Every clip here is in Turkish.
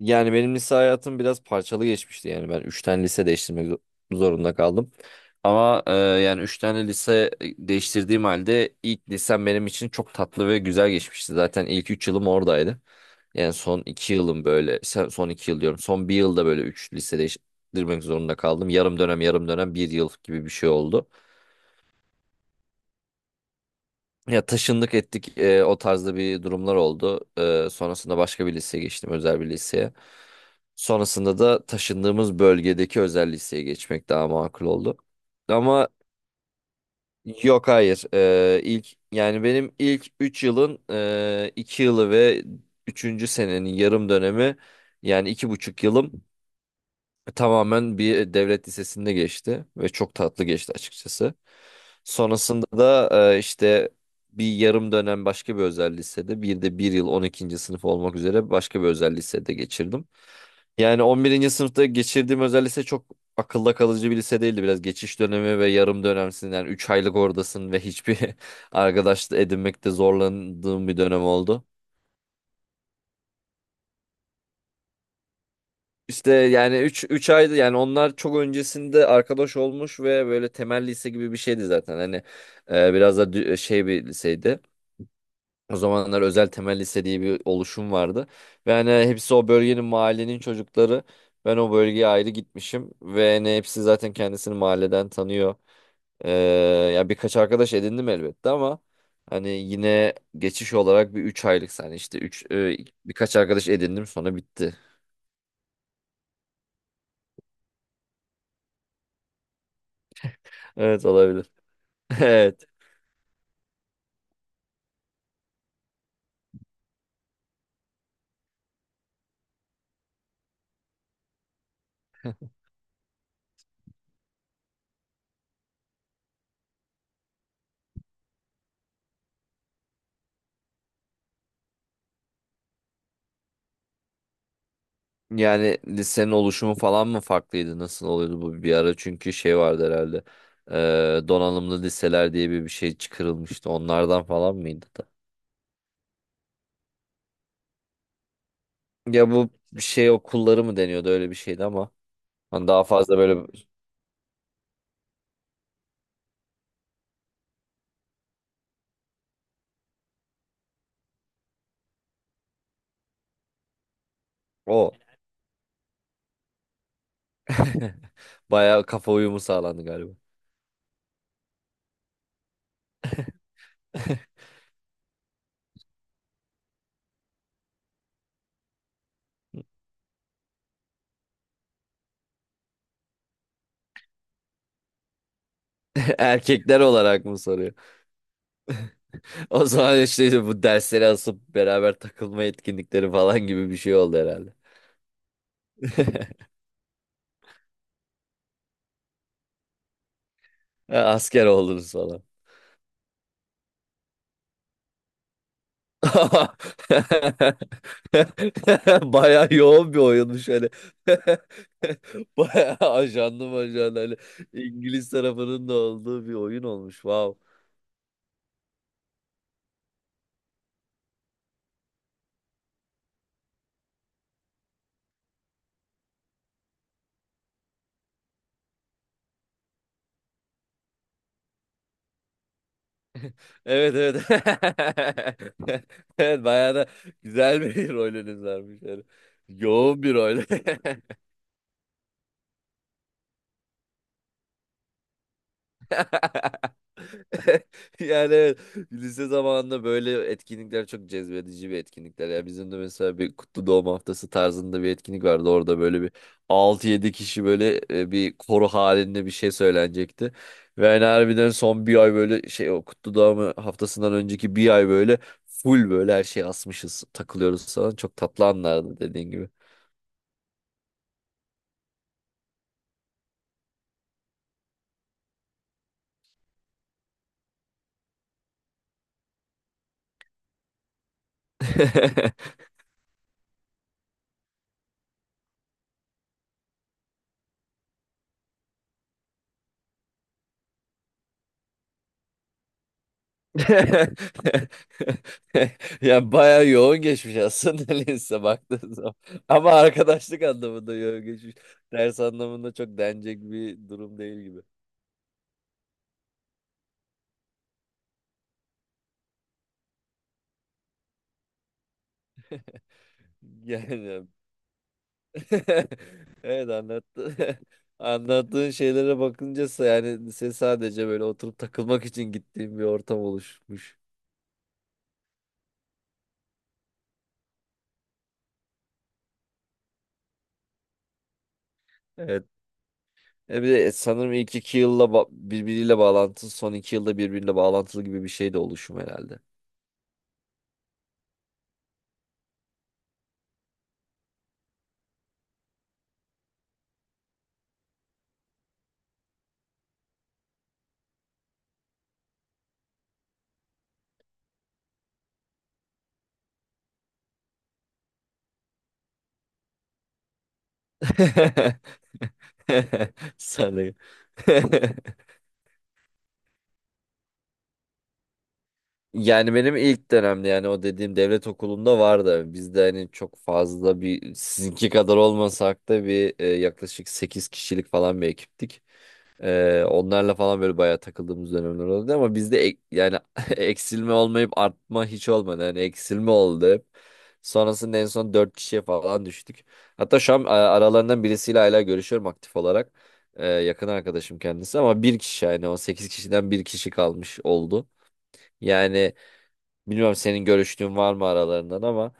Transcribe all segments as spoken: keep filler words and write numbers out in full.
Yani benim lise hayatım biraz parçalı geçmişti. Yani ben üç tane lise değiştirmek zo- zorunda kaldım. Ama e, yani üç tane lise değiştirdiğim halde ilk lisem benim için çok tatlı ve güzel geçmişti. Zaten ilk üç yılım oradaydı. Yani son iki yılım böyle se- son iki yıl diyorum. Son bir yılda böyle üç lise değiştirmek zorunda kaldım. Yarım dönem yarım dönem bir yıl gibi bir şey oldu. Ya taşındık ettik e, o tarzda bir durumlar oldu. E, sonrasında başka bir liseye geçtim, özel bir liseye. Sonrasında da taşındığımız bölgedeki özel liseye geçmek daha makul oldu. Ama yok, hayır. E, ilk yani benim ilk üç yılın e, iki yılı ve üçüncü senenin yarım dönemi, yani iki buçuk yılım tamamen bir devlet lisesinde geçti ve çok tatlı geçti açıkçası. Sonrasında da e, işte bir yarım dönem başka bir özel lisede, bir de bir yıl on ikinci sınıf olmak üzere başka bir özel lisede geçirdim. Yani on birinci sınıfta geçirdiğim özel lise çok akılda kalıcı bir lise değildi. Biraz geçiş dönemi ve yarım dönemsin, yani üç aylık oradasın ve hiçbir arkadaş edinmekte zorlandığım bir dönem oldu. İşte yani üç üç aydı, yani onlar çok öncesinde arkadaş olmuş ve böyle temel lise gibi bir şeydi zaten. Hani e, biraz da dü- şey bir liseydi. O zamanlar özel temel lise diye bir oluşum vardı. Ve hani hepsi o bölgenin, mahallenin çocukları. Ben o bölgeye ayrı gitmişim ve hani hepsi zaten kendisini mahalleden tanıyor. E, Ya birkaç arkadaş edindim elbette ama hani yine geçiş olarak bir üç aylık, yani işte üç, birkaç arkadaş edindim, sonra bitti. Evet, olabilir. Evet. Yani lisenin oluşumu falan mı farklıydı? Nasıl oluyordu bu bir ara? Çünkü şey vardı herhalde. Eee, donanımlı liseler diye bir, bir şey çıkarılmıştı. Onlardan falan mıydı da? Ya bu şey okulları mı deniyordu, öyle bir şeydi ama. Hani daha fazla böyle o. Bayağı kafa uyumu sağlandı galiba. Erkekler olarak mı soruyor? O zaman işte bu dersleri asıp beraber takılma etkinlikleri falan gibi bir şey oldu herhalde. Asker oldunuz falan. Bayağı yoğun bir oyunmuş hani. Bayağı ajanlı majanlı, hani İngiliz tarafının da olduğu bir oyun olmuş. Wow. Evet, evet. Evet, bayağı da güzel bir rolünüz varmış yani. Yoğun bir rol. Yani evet, lise zamanında böyle etkinlikler çok cezbedici bir etkinlikler. Ya bizim de mesela bir kutlu doğum haftası tarzında bir etkinlik vardı. Orada böyle bir altı yedi kişi böyle e, bir koro halinde bir şey söylenecekti. Ve yani harbiden son bir ay böyle şey, o kutlu doğum haftasından önceki bir ay böyle full, böyle her şey asmışız, takılıyoruz falan. Çok tatlı anlardı, dediğin gibi. Ya bayağı yoğun geçmiş aslında lise, baktığın zaman. Ama arkadaşlık anlamında yoğun geçmiş. Ders anlamında çok denecek bir durum değil gibi. Yani evet, anlattı. Anlattığın şeylere bakınca, sa- yani lise sadece böyle oturup takılmak için gittiğim bir ortam oluşmuş. Evet. E bir de sanırım ilk iki yılla ba- birbiriyle bağlantılı, son iki yılda birbiriyle bağlantılı gibi bir şey de oluşum herhalde. Sanırım. Yani benim ilk dönemde, yani o dediğim devlet okulunda vardı. Bizde hani çok fazla, bir sizinki kadar olmasak da bir e, yaklaşık sekiz kişilik falan bir ekiptik. Ee, onlarla falan böyle bayağı takıldığımız dönemler oldu ama bizde ek- yani eksilme olmayıp artma hiç olmadı. Yani eksilme oldu hep. Sonrasında en son dört kişiye falan düştük. Hatta şu an e, aralarından birisiyle hala görüşüyorum aktif olarak. Ee, yakın arkadaşım kendisi ama bir kişi, yani o sekiz kişiden bir kişi kalmış oldu. Yani bilmiyorum, senin görüştüğün var mı aralarından ama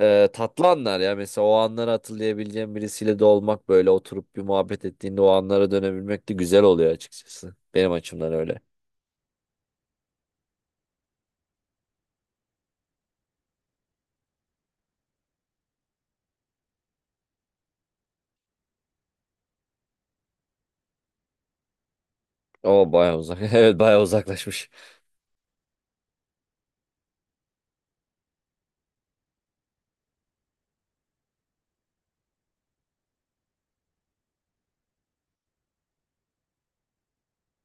e, tatlı anlar ya. Mesela o anları hatırlayabileceğim birisiyle de olmak, böyle oturup bir muhabbet ettiğinde o anlara dönebilmek de güzel oluyor açıkçası. Benim açımdan öyle. Ama bayağı uzak. Evet, bayağı uzaklaşmış.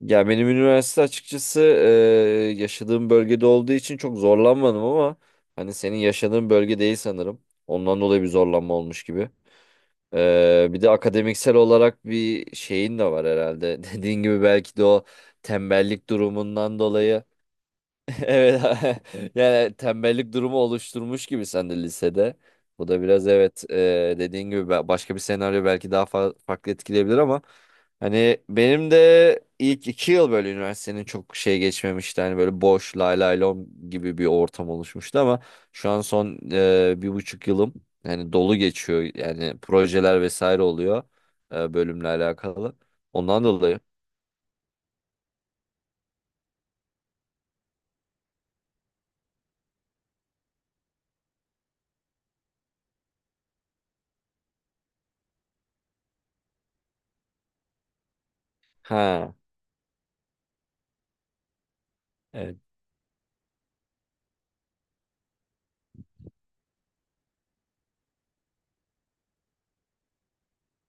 Ya benim üniversite açıkçası e, yaşadığım bölgede olduğu için çok zorlanmadım ama hani senin yaşadığın bölge değil sanırım. Ondan dolayı bir zorlanma olmuş gibi. E, bir de akademiksel olarak bir şeyin de var herhalde. Dediğin gibi belki de o tembellik durumundan dolayı. Evet. Yani tembellik durumu oluşturmuş gibi sen de lisede. Bu da biraz, evet, e, dediğin gibi, be- başka bir senaryo belki daha fa- farklı etkileyebilir ama hani benim de ilk iki yıl böyle üniversitenin çok şey geçmemişti. Hani böyle boş lay lay lom gibi bir ortam oluşmuştu ama şu an son e, bir buçuk yılım, yani dolu geçiyor. Yani projeler vesaire oluyor e, bölümle alakalı. Ondan dolayı. Ha. Evet.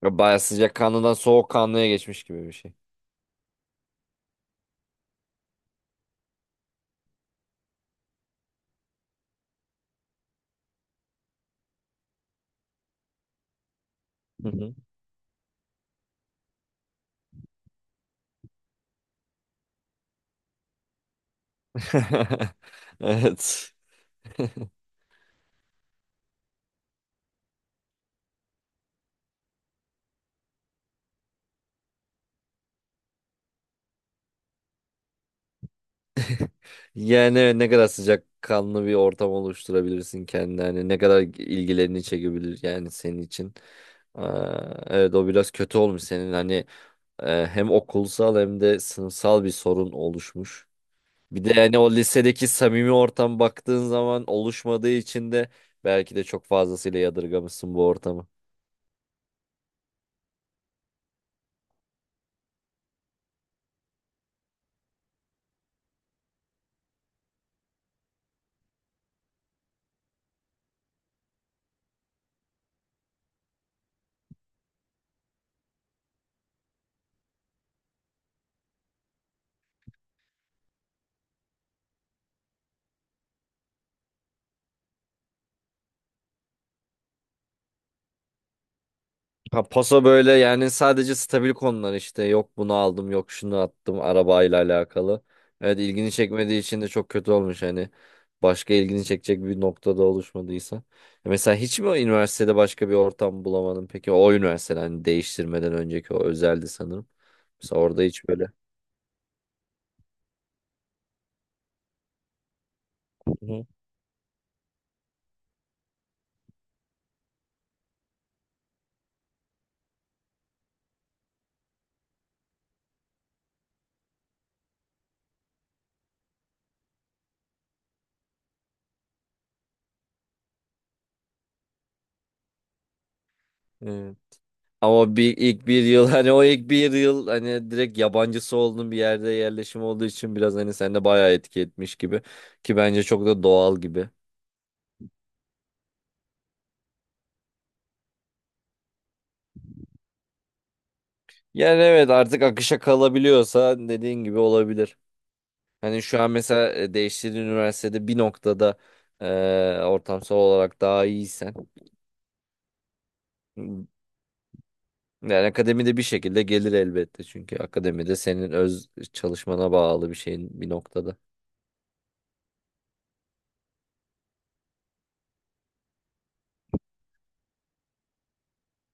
Bayağı sıcak kanlıdan soğuk kanlıya geçmiş gibi bir şey. Hı hı. Evet. Yani evet, ne kadar sıcakkanlı bir ortam oluşturabilirsin kendine. Hani ne kadar ilgilerini çekebilir, yani senin için. Aa, evet, o biraz kötü olmuş senin. Hani e, hem okulsal hem de sınıfsal bir sorun oluşmuş. Bir de yani o lisedeki samimi ortam baktığın zaman oluşmadığı için de belki de çok fazlasıyla yadırgamışsın bu ortamı. Ha, paso böyle, yani sadece stabil konular, işte yok bunu aldım, yok şunu attım, arabayla alakalı. Evet, ilgini çekmediği için de çok kötü olmuş hani, başka ilgini çekecek bir noktada oluşmadıysa. Ya mesela hiç mi o üniversitede başka bir ortam bulamadın peki, o üniversiteden hani değiştirmeden önceki o özeldi sanırım. Mesela orada hiç böyle. Hı. Hı. Evet. Ama bir, ilk bir yıl hani o ilk bir yıl, hani direkt yabancısı olduğun bir yerde yerleşim olduğu için biraz hani sende bayağı etki etmiş gibi, ki bence çok da doğal gibi. Yani evet, artık akışa kalabiliyorsa dediğin gibi olabilir. Hani şu an mesela e, değiştiğin üniversitede bir noktada e, ortamsal olarak daha iyiysen, yani akademide bir şekilde gelir elbette çünkü akademide senin öz çalışmana bağlı bir şeyin bir noktada.